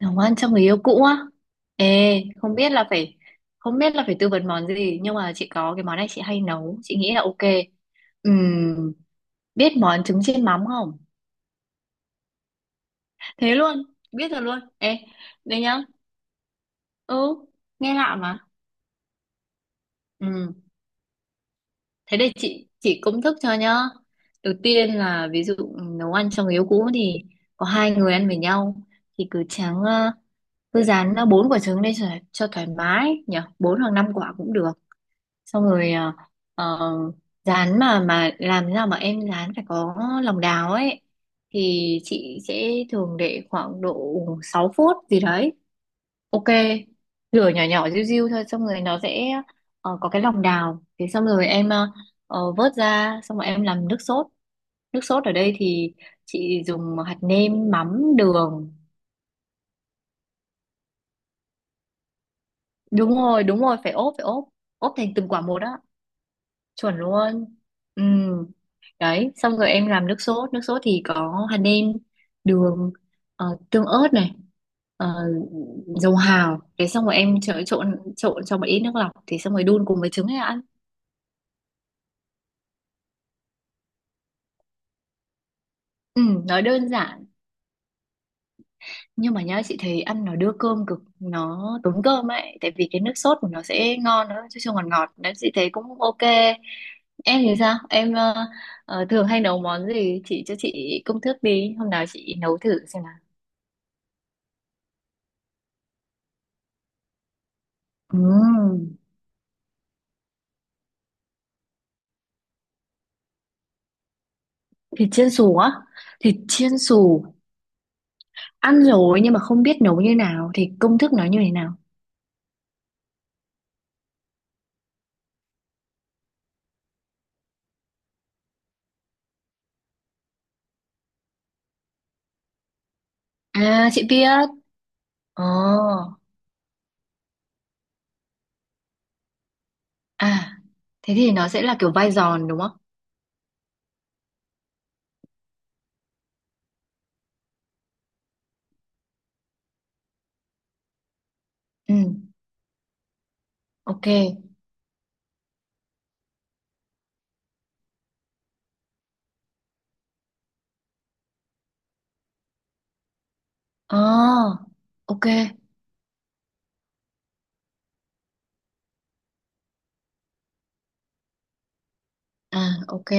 Nấu ăn cho người yêu cũ á. Ê, không biết là phải tư vấn món gì, nhưng mà chị có cái món này chị hay nấu, chị nghĩ là ok. Ừm, Biết món trứng chiên mắm không? Thế luôn? Biết rồi luôn? Ê, đây nhá. Ừ, nghe lạ mà. Ừm, Thế đây, chị công thức cho nhá. Đầu tiên là ví dụ nấu ăn cho người yêu cũ thì có hai người ăn với nhau, thì cứ rán bốn quả trứng lên, cho thoải mái nhỉ, bốn hoặc năm quả cũng được. Xong rồi ờ, rán mà làm thế nào mà em rán phải có lòng đào ấy, thì chị sẽ thường để khoảng độ 6 phút gì đấy. Ok, lửa nhỏ nhỏ riu riu thôi, xong rồi nó sẽ có cái lòng đào, thế xong rồi em vớt ra, xong rồi em làm nước sốt. Nước sốt ở đây thì chị dùng hạt nêm, mắm, đường. Đúng rồi, đúng rồi, phải ốp, phải ốp. Ốp thành từng quả một á. Chuẩn luôn. Ừ. Đấy, xong rồi em làm nước sốt. Nước sốt thì có hạt nêm, đường, tương ớt này, ờ, dầu hào. Thế xong rồi em trộn, trộn, trộn, cho một ít nước lọc, thì xong rồi đun cùng với trứng là ăn. Ừ, nó đơn giản, nhưng mà nhá, chị thấy ăn nó đưa cơm cực, nó tốn cơm ấy, tại vì cái nước sốt của nó sẽ ngon nữa chứ không, ngọt ngọt đấy, chị thấy cũng ok. Em thì sao, em thường hay nấu món gì? Chị cho chị công thức đi, hôm nào chị nấu thử xem. Ừm, Thịt chiên xù á? Thịt chiên xù ăn rồi, nhưng mà không biết nấu như nào, thì công thức nó như thế nào? À, chị biết. Ồ. À, thế thì nó sẽ là kiểu vai giòn đúng không? Ừ. Ok. Ờ. Ok. À. Ok.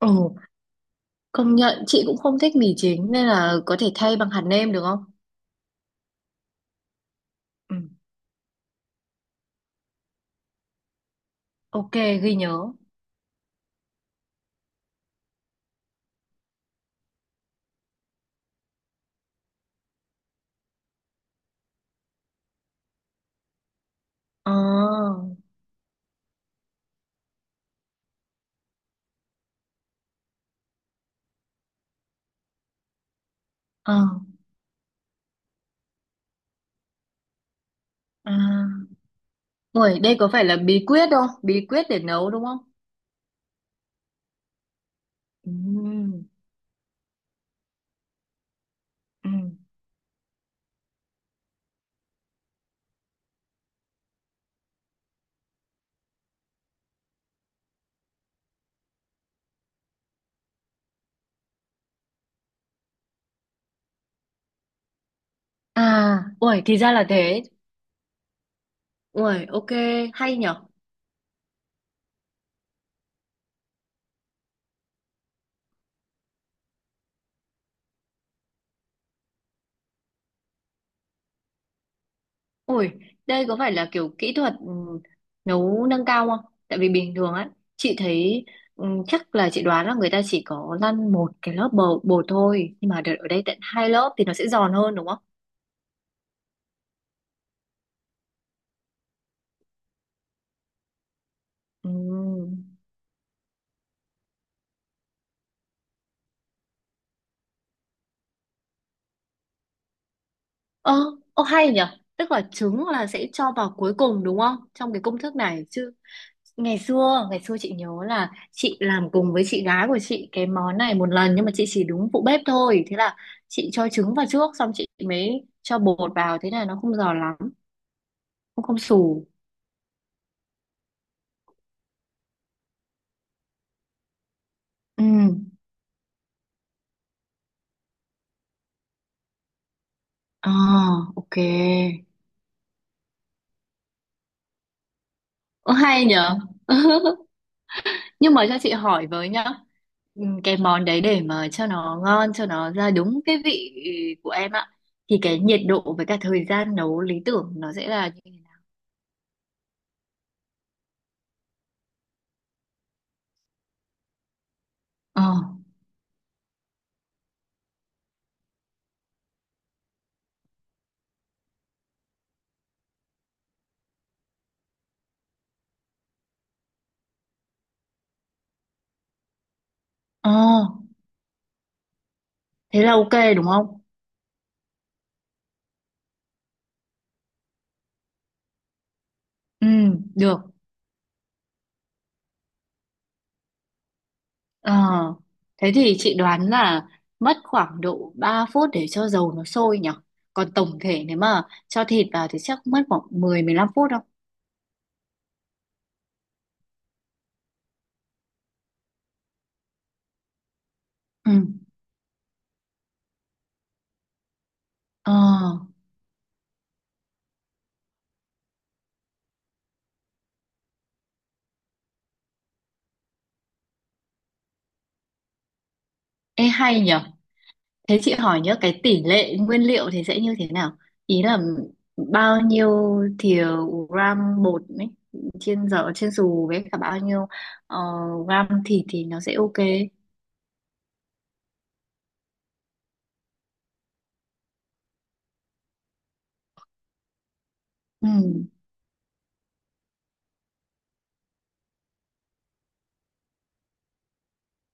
Ừ. Công nhận chị cũng không thích mì chính, nên là có thể thay bằng hạt nêm được không? Ừ. Ok, ghi nhớ. Ờ. Ờ. À. Ui, đây có phải là bí quyết không, bí quyết để nấu đúng không? Ừ. Ừ. À, ui, thì ra là thế. Ui, ok, hay nhở. Ui, đây có phải là kiểu kỹ thuật nấu nâng cao không? Tại vì bình thường á, chị thấy chắc là chị đoán là người ta chỉ có lăn một cái lớp bột thôi. Nhưng mà đợt ở đây tận hai lớp thì nó sẽ giòn hơn đúng không? Ừ. Ơ, ô hay nhỉ? Tức là trứng là sẽ cho vào cuối cùng đúng không? Trong cái công thức này chứ. Ngày xưa chị nhớ là chị làm cùng với chị gái của chị cái món này một lần, nhưng mà chị chỉ đúng phụ bếp thôi. Thế là chị cho trứng vào trước, xong chị mới cho bột vào, thế là nó không giòn lắm, cũng không xù. Ừ. À, ok. Ô hay nhỉ? Nhưng mà cho chị hỏi với nhá, cái món đấy để mà cho nó ngon, cho nó ra đúng cái vị của em ạ, thì cái nhiệt độ với cả thời gian nấu lý tưởng nó sẽ là như thế nào? Ờ, ờ, Thế là ok đúng không? Ừ, được. Ờ, Thế thì chị đoán là mất khoảng độ 3 phút để cho dầu nó sôi nhỉ? Còn tổng thể nếu mà cho thịt vào thì chắc mất khoảng mười, mười lăm phút đâu. Ừ, ờ, ê hay nhỉ? Thế chị hỏi nhớ cái tỷ lệ nguyên liệu thì sẽ như thế nào? Ý là bao nhiêu thìa, gram bột ấy, trên giò trên xù, với cả bao nhiêu ờ, gram thịt thì nó sẽ ok. Ừ,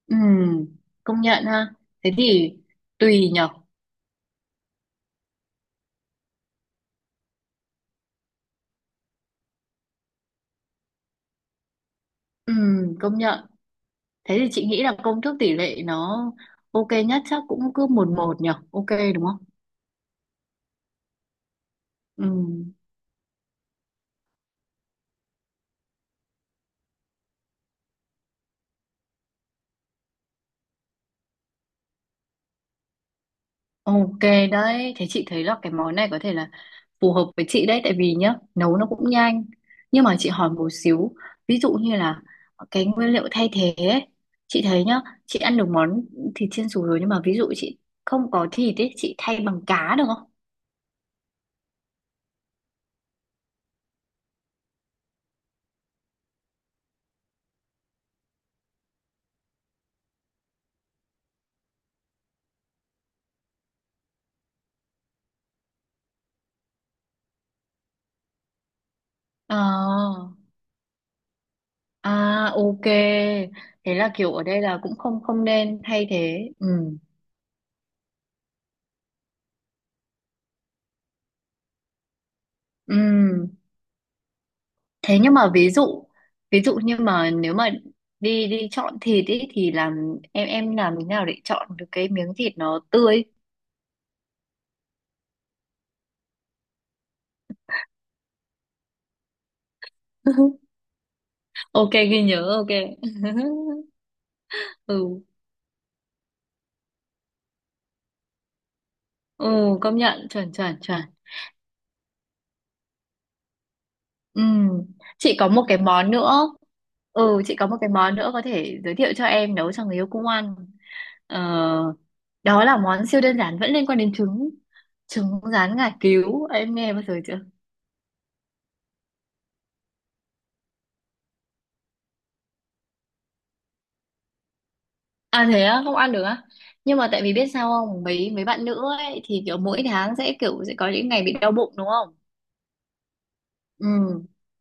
ừ, công nhận ha. Thế thì tùy nhở. Ừ, công nhận. Thế thì chị nghĩ là công thức tỷ lệ nó ok nhất chắc cũng cứ một một nhở. Ok đúng không? Ừ, ok đấy. Thế chị thấy là cái món này có thể là phù hợp với chị đấy, tại vì nhá nấu nó cũng nhanh, nhưng mà chị hỏi một xíu, ví dụ như là cái nguyên liệu thay thế ấy, chị thấy nhá, chị ăn được món thịt chiên xù rồi, nhưng mà ví dụ chị không có thịt ấy, chị thay bằng cá được không? Ờ. À, ok. Thế là kiểu ở đây là cũng không không nên thay thế. Ừ. Ừ. Thế nhưng mà ví dụ như mà nếu mà đi đi chọn thịt ấy thì làm, em làm thế nào để chọn được cái miếng thịt nó tươi? Ok, ghi nhớ, ok. Ừ. Ừ, công nhận, chuẩn chuẩn chuẩn. Ừ, chị có một cái món nữa chị có một cái món nữa có thể giới thiệu cho em nấu cho người yêu cũng ăn. ờ, Đó là món siêu đơn giản, vẫn liên quan đến trứng trứng rán ngải cứu, em nghe bao giờ chưa? À, thế á? Không ăn được á? Nhưng mà tại vì biết sao không, mấy mấy bạn nữ ấy thì kiểu mỗi tháng sẽ kiểu sẽ có những ngày bị đau bụng đúng không? Ừ.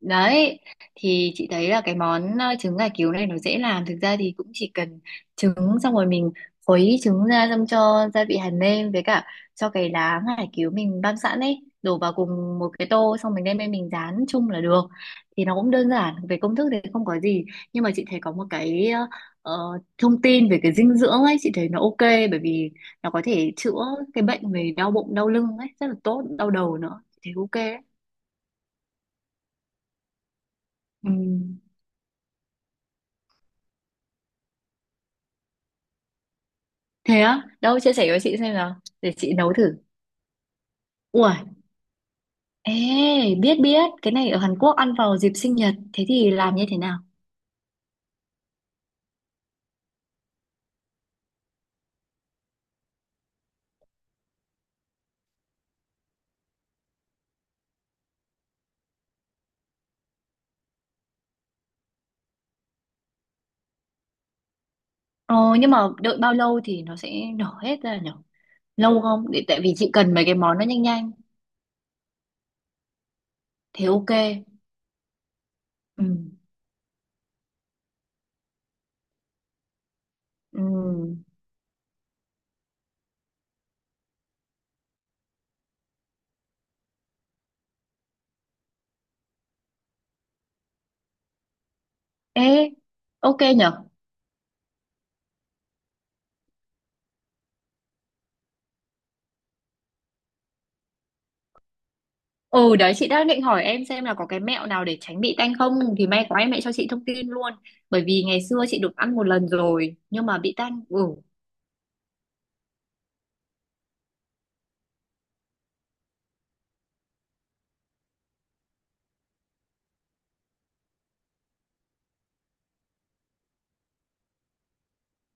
Đấy, thì chị thấy là cái món trứng gà cứu này nó dễ làm, thực ra thì cũng chỉ cần trứng, xong rồi mình khuấy trứng ra, xong cho gia vị hạt nêm với cả cho cái lá ngải cứu mình băm sẵn ấy, đổ vào cùng một cái tô, xong mình đem lên mình rán chung là được. Thì nó cũng đơn giản, về công thức thì không có gì, nhưng mà chị thấy có một cái ờ, thông tin về cái dinh dưỡng ấy, chị thấy nó ok, bởi vì nó có thể chữa cái bệnh về đau bụng, đau lưng ấy rất là tốt, đau đầu nữa, chị thấy ok đấy. Ừ. Thế á? Đâu chia sẻ với chị xem nào. Để chị nấu thử. Ui, ê, biết biết, cái này ở Hàn Quốc ăn vào dịp sinh nhật, thế thì làm như thế nào? Ờ, nhưng mà đợi bao lâu thì nó sẽ nở hết ra nhở? Lâu không? Để, tại vì chị cần mấy cái món nó nhanh nhanh. Thế ok. Ừ, ừ. Ê, ok nhở? Ừ, đấy chị đang định hỏi em xem là có cái mẹo nào để tránh bị tanh không? Thì may quá em lại cho chị thông tin luôn. Bởi vì ngày xưa chị được ăn một lần rồi, nhưng mà bị tanh. Ừ,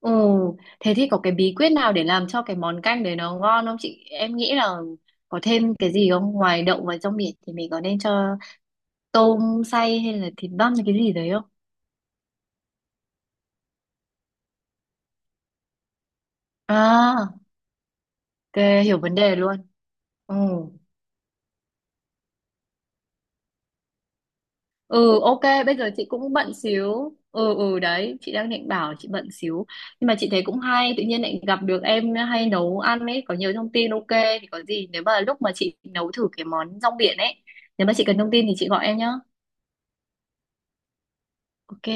ừ, thế thì có cái bí quyết nào để làm cho cái món canh đấy nó ngon không chị? Em nghĩ là có thêm cái gì không? Ngoài đậu và rong biển thì mình có nên cho tôm xay hay là thịt băm hay cái gì đấy không? À, ok, hiểu vấn đề luôn. Ừ. Ừ, ok, bây giờ chị cũng bận xíu. Ừ, ừ, đấy, chị đang định bảo chị bận xíu. Nhưng mà chị thấy cũng hay, tự nhiên lại gặp được em hay nấu ăn ấy, có nhiều thông tin ok. Thì có gì nếu mà lúc mà chị nấu thử cái món rong biển ấy, nếu mà chị cần thông tin thì chị gọi em nhá. Ok,